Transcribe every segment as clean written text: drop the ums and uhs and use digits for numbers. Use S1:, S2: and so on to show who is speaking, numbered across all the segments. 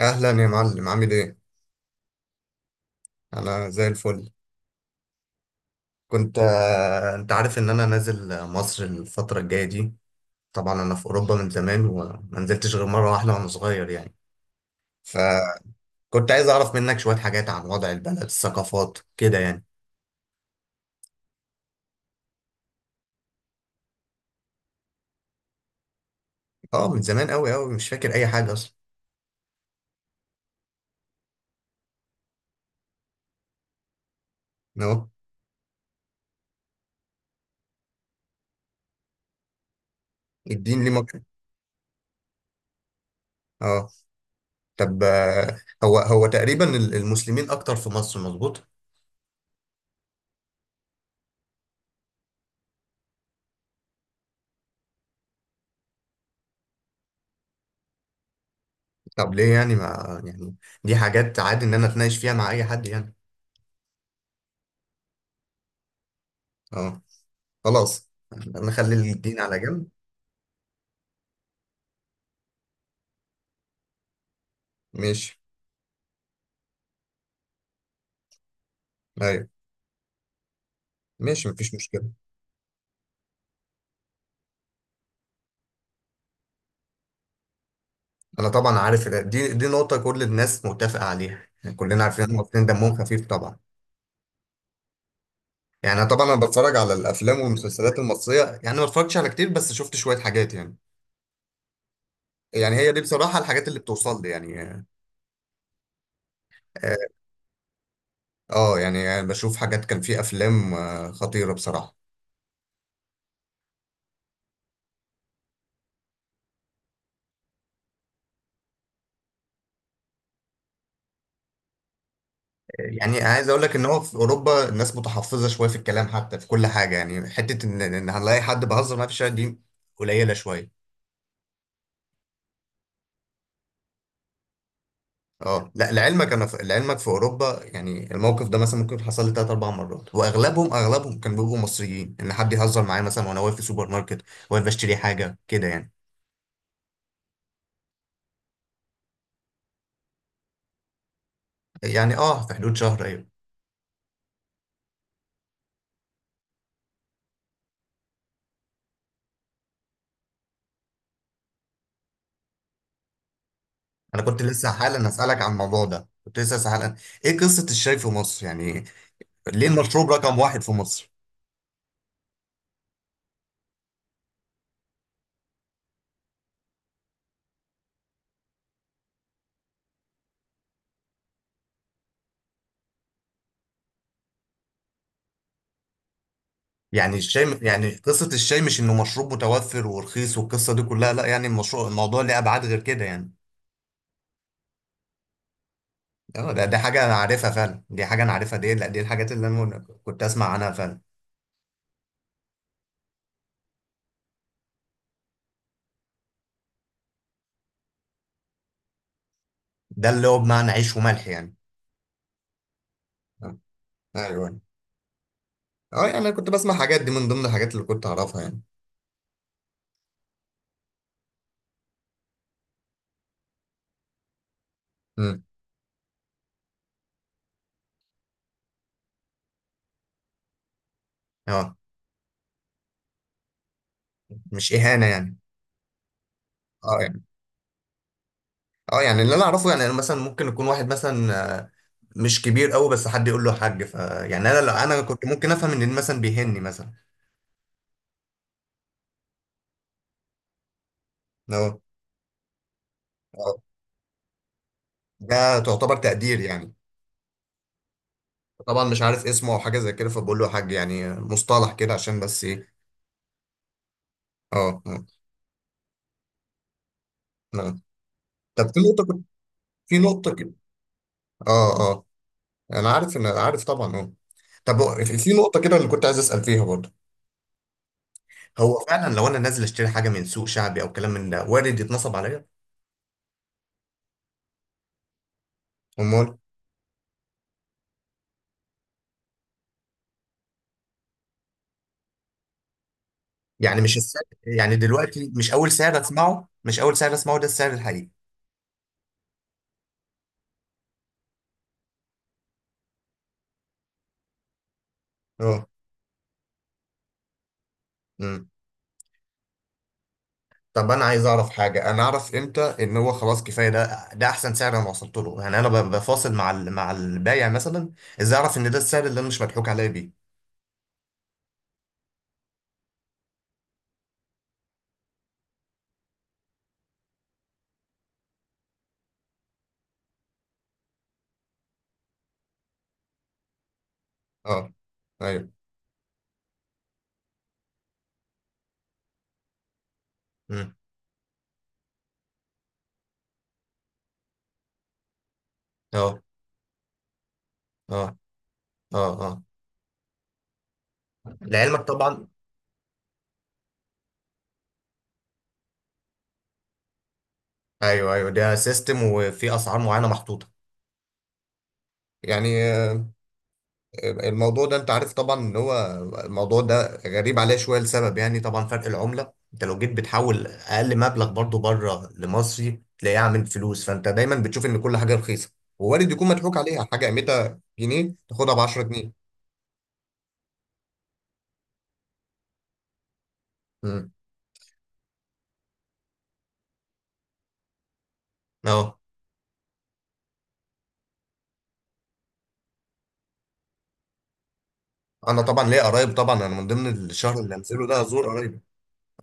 S1: اهلا يا معلم، عامل ايه؟ انا زي الفل. كنت انت عارف ان انا نازل مصر الفتره الجايه دي. طبعا انا في اوروبا من زمان وما نزلتش غير مره واحده وانا صغير يعني. فكنت عايز اعرف منك شويه حاجات عن وضع البلد، الثقافات كده يعني. اه، من زمان قوي قوي، مش فاكر اي حاجه اصلا. اهو. الدين ليه مكان؟ اه. طب هو هو تقريبا المسلمين اكتر في مصر، مظبوط؟ طب ليه يعني، ما يعني دي حاجات عادي ان انا اتناقش فيها مع اي حد يعني. اه، خلاص، نخلي الدين على جنب. ماشي. ايوه، ماشي، مفيش مشكلة. انا طبعا عارف إن دي نقطة كل الناس متفقة عليها يعني، كلنا عارفين إن المصريين دمهم خفيف طبعا. يعني أنا طبعا انا بتفرج على الافلام والمسلسلات المصرية، يعني ما اتفرجتش على كتير بس شفت شوية حاجات يعني. يعني هي دي بصراحة الحاجات اللي بتوصل لي يعني. اه. يعني بشوف حاجات، كان في افلام خطيرة بصراحة. يعني عايز اقول لك ان هو في اوروبا الناس متحفظه شويه في الكلام، حتى في كل حاجه يعني. حته ان هنلاقي حد بهزر معاه في الشارع دي قليله شويه. اه لا، لعلمك انا، في اوروبا، يعني الموقف ده مثلا ممكن حصل لي ثلاث اربع مرات، واغلبهم اغلبهم كانوا بيبقوا مصريين، ان حد يهزر معايا مثلا وانا واقف في سوبر ماركت، واقف بشتري حاجه كده يعني. يعني اه، في حدود شهر، ايوه. انا كنت لسه حالا اسالك عن الموضوع ده، كنت لسه حالا. ايه قصه الشاي في مصر يعني؟ ليه المشروب رقم واحد في مصر؟ يعني الشاي، يعني قصة الشاي مش انه مشروب متوفر ورخيص والقصة دي كلها، لا يعني المشروع الموضوع ليه ابعاد غير كده يعني. اه، دي حاجة انا عارفها فعلا، دي حاجة انا عارفها، دي لا، دي الحاجات اللي انا كنت اسمع عنها فعلا. ده اللي هو بمعنى عيش وملح يعني. اه. ايوه. اه، يعني انا كنت بسمع حاجات دي من ضمن الحاجات اللي كنت اعرفها يعني. امم. اه، مش اهانة يعني؟ اه يعني، اه يعني اللي انا اعرفه يعني، أنا مثلا ممكن يكون واحد مثلا مش كبير قوي بس حد يقول له حاج، ف يعني انا، لا انا كنت ممكن افهم ان مثلا بيهني مثلا. اه. آه، ده تعتبر تقدير يعني. طبعا مش عارف اسمه او حاجه زي كده فبقول له يا حاج، يعني مصطلح كده عشان بس ايه. اه. نعم. طب في نقطه كده. اه اه، انا عارف ان، عارف طبعا، اه. طب هو في نقطه كده اللي كنت عايز اسال فيها برضه. هو فعلا لو انا نازل اشتري حاجه من سوق شعبي او كلام من ده، وارد يتنصب عليا؟ امال. يعني مش السعر يعني دلوقتي، مش اول سعر اسمعه ده السعر الحقيقي. اه. طب انا عايز اعرف حاجه، انا اعرف امتى ان هو خلاص كفايه، ده ده احسن سعر انا وصلت له، يعني انا بفاصل مع البايع مثلا. ازاي اعرف ان ده السعر اللي انا مش مضحوك عليا بيه؟ اه. ايوه. امم. اه. اه. اه. اه. لعلمك طبعا. ايوه، ايوه، ده سيستم وفي اسعار معينه محطوطه. يعني الموضوع ده انت عارف طبعا ان هو، الموضوع ده غريب عليه شويه لسبب، يعني طبعا فرق العمله، انت لو جيت بتحول اقل مبلغ برضو بره لمصري تلاقيه عامل فلوس، فانت دايما بتشوف ان كل حاجه رخيصه، ووارد يكون مضحوك عليها، حاجه قيمتها جنيه تاخدها ب 10 جنيه. امم. اه، انا طبعا ليا قرايب طبعا، انا من ضمن الشهر اللي هنزله ده ازور قرايبي.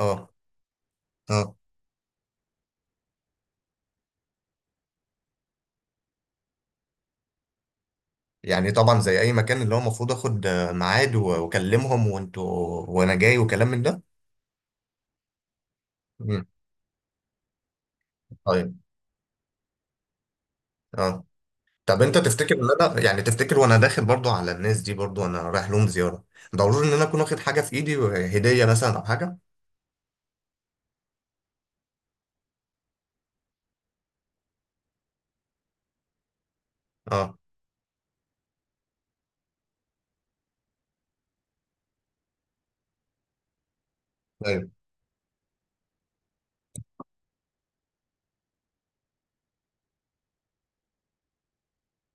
S1: اه. اه، يعني طبعا زي اي مكان، اللي هو المفروض اخد ميعاد واكلمهم وانتوا وانا جاي وكلام من ده. امم. طيب. اه. طب انت تفتكر ان انا يعني، تفتكر وانا داخل برضو على الناس دي، برضو انا رايح لهم زياره، ضروري ان انا اكون واخد حاجه في ايدي، هديه مثلا او حاجه؟ اه. ايوه.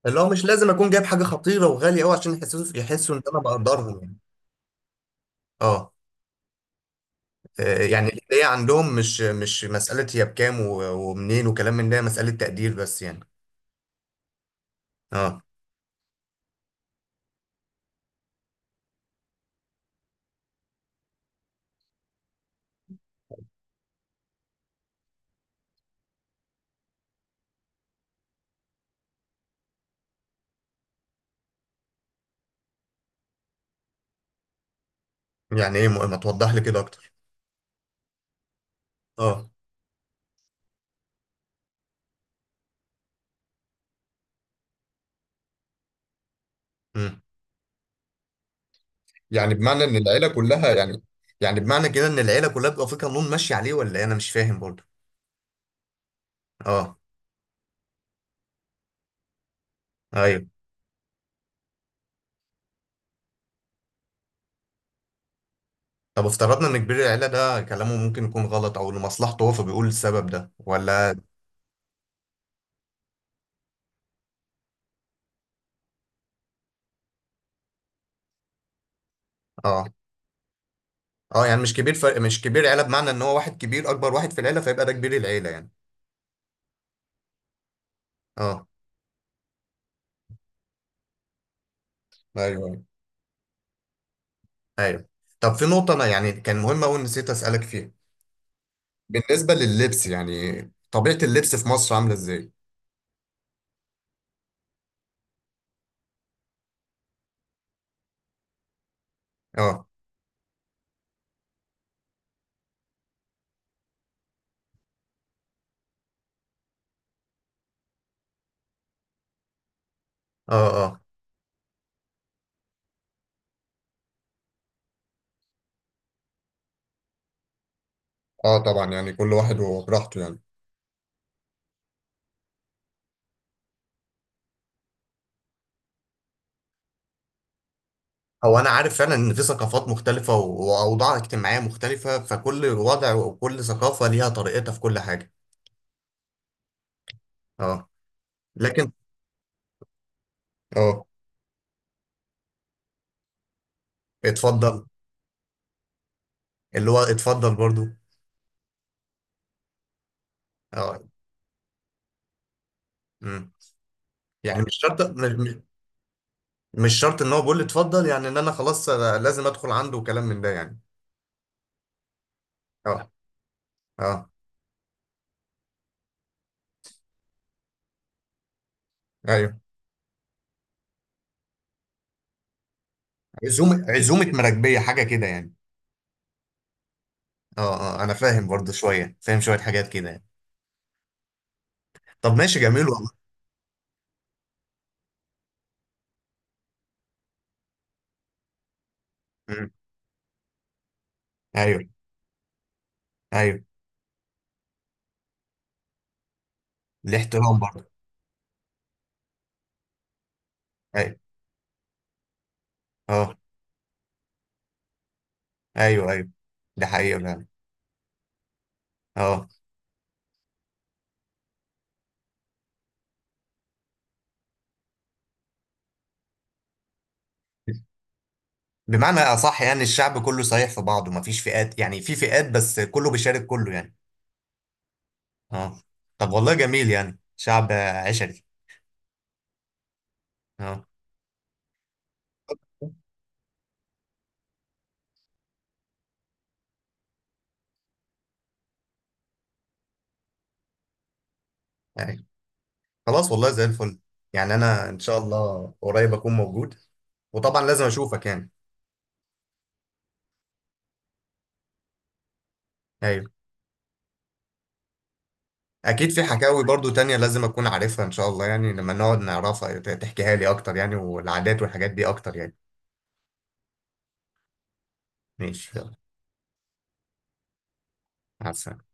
S1: اللي هو مش لازم اكون جايب حاجه خطيره وغاليه قوي عشان يحسوا، يحسوا ان انا بقدرهم يعني. اه. اه، يعني الهديه عندهم مش مساله هي بكام ومنين وكلام من ده، هي مساله تقدير بس يعني. اه. يعني ايه؟ ما توضح لي كده اكتر. اه. مم. يعني بمعنى ان العيله كلها يعني، يعني بمعنى كده ان العيله كلها بتبقى في قانون ماشي عليه، ولا ايه؟ انا مش فاهم برضو. اه. ايوه. طب افترضنا ان كبير العيلة ده كلامه ممكن يكون غلط او لمصلحته هو، فبيقول السبب ده ولا؟ اه. اه يعني مش كبير فرق، مش كبير عيلة بمعنى ان هو واحد كبير، اكبر واحد في العيلة فيبقى ده كبير العيلة يعني. اه. ايوه. ايوه. ايوه. طب في نقطة انا يعني كان مهمة قوي نسيت اسألك فيها، بالنسبة لللبس يعني، طبيعة اللبس في مصر عاملة ازاي؟ اه. اه. اه. اه. طبعا يعني كل واحد وبراحته يعني. هو انا عارف فعلا ان في ثقافات مختلفة واوضاع اجتماعية مختلفة، فكل وضع وكل ثقافة ليها طريقتها في كل حاجة. اه. لكن. اه. اتفضل. اللي هو اتفضل برضو. اه. امم. يعني مش شرط، مش شرط ان هو بيقول لي اتفضل يعني ان انا خلاص لازم ادخل عنده وكلام من ده يعني. اه. اه، ايوه. عزومه مراكبيه حاجه كده يعني. اه. اه، انا فاهم برضو شويه، فاهم شويه حاجات كده يعني. طب ماشي، جميل والله. امم. ايوه. ايوه. الاحترام برضو. ايوه. اه. ايوه. ايوه. ده حقيقي فعلا. اه. بمعنى اصح يعني الشعب كله صحيح في بعضه، مفيش فئات، يعني في فئات بس كله بيشارك كله يعني. اه. طب والله، جميل يعني، شعب عشري. اه يعني. خلاص والله زي الفل. يعني انا ان شاء الله قريب اكون موجود، وطبعا لازم اشوفك يعني. ايوه. اكيد في حكاوي برضو تانية لازم اكون عارفها ان شاء الله، يعني لما نقعد نعرفها تحكيها لي اكتر يعني، والعادات والحاجات دي اكتر يعني. ماشي، يلا. مع السلامة.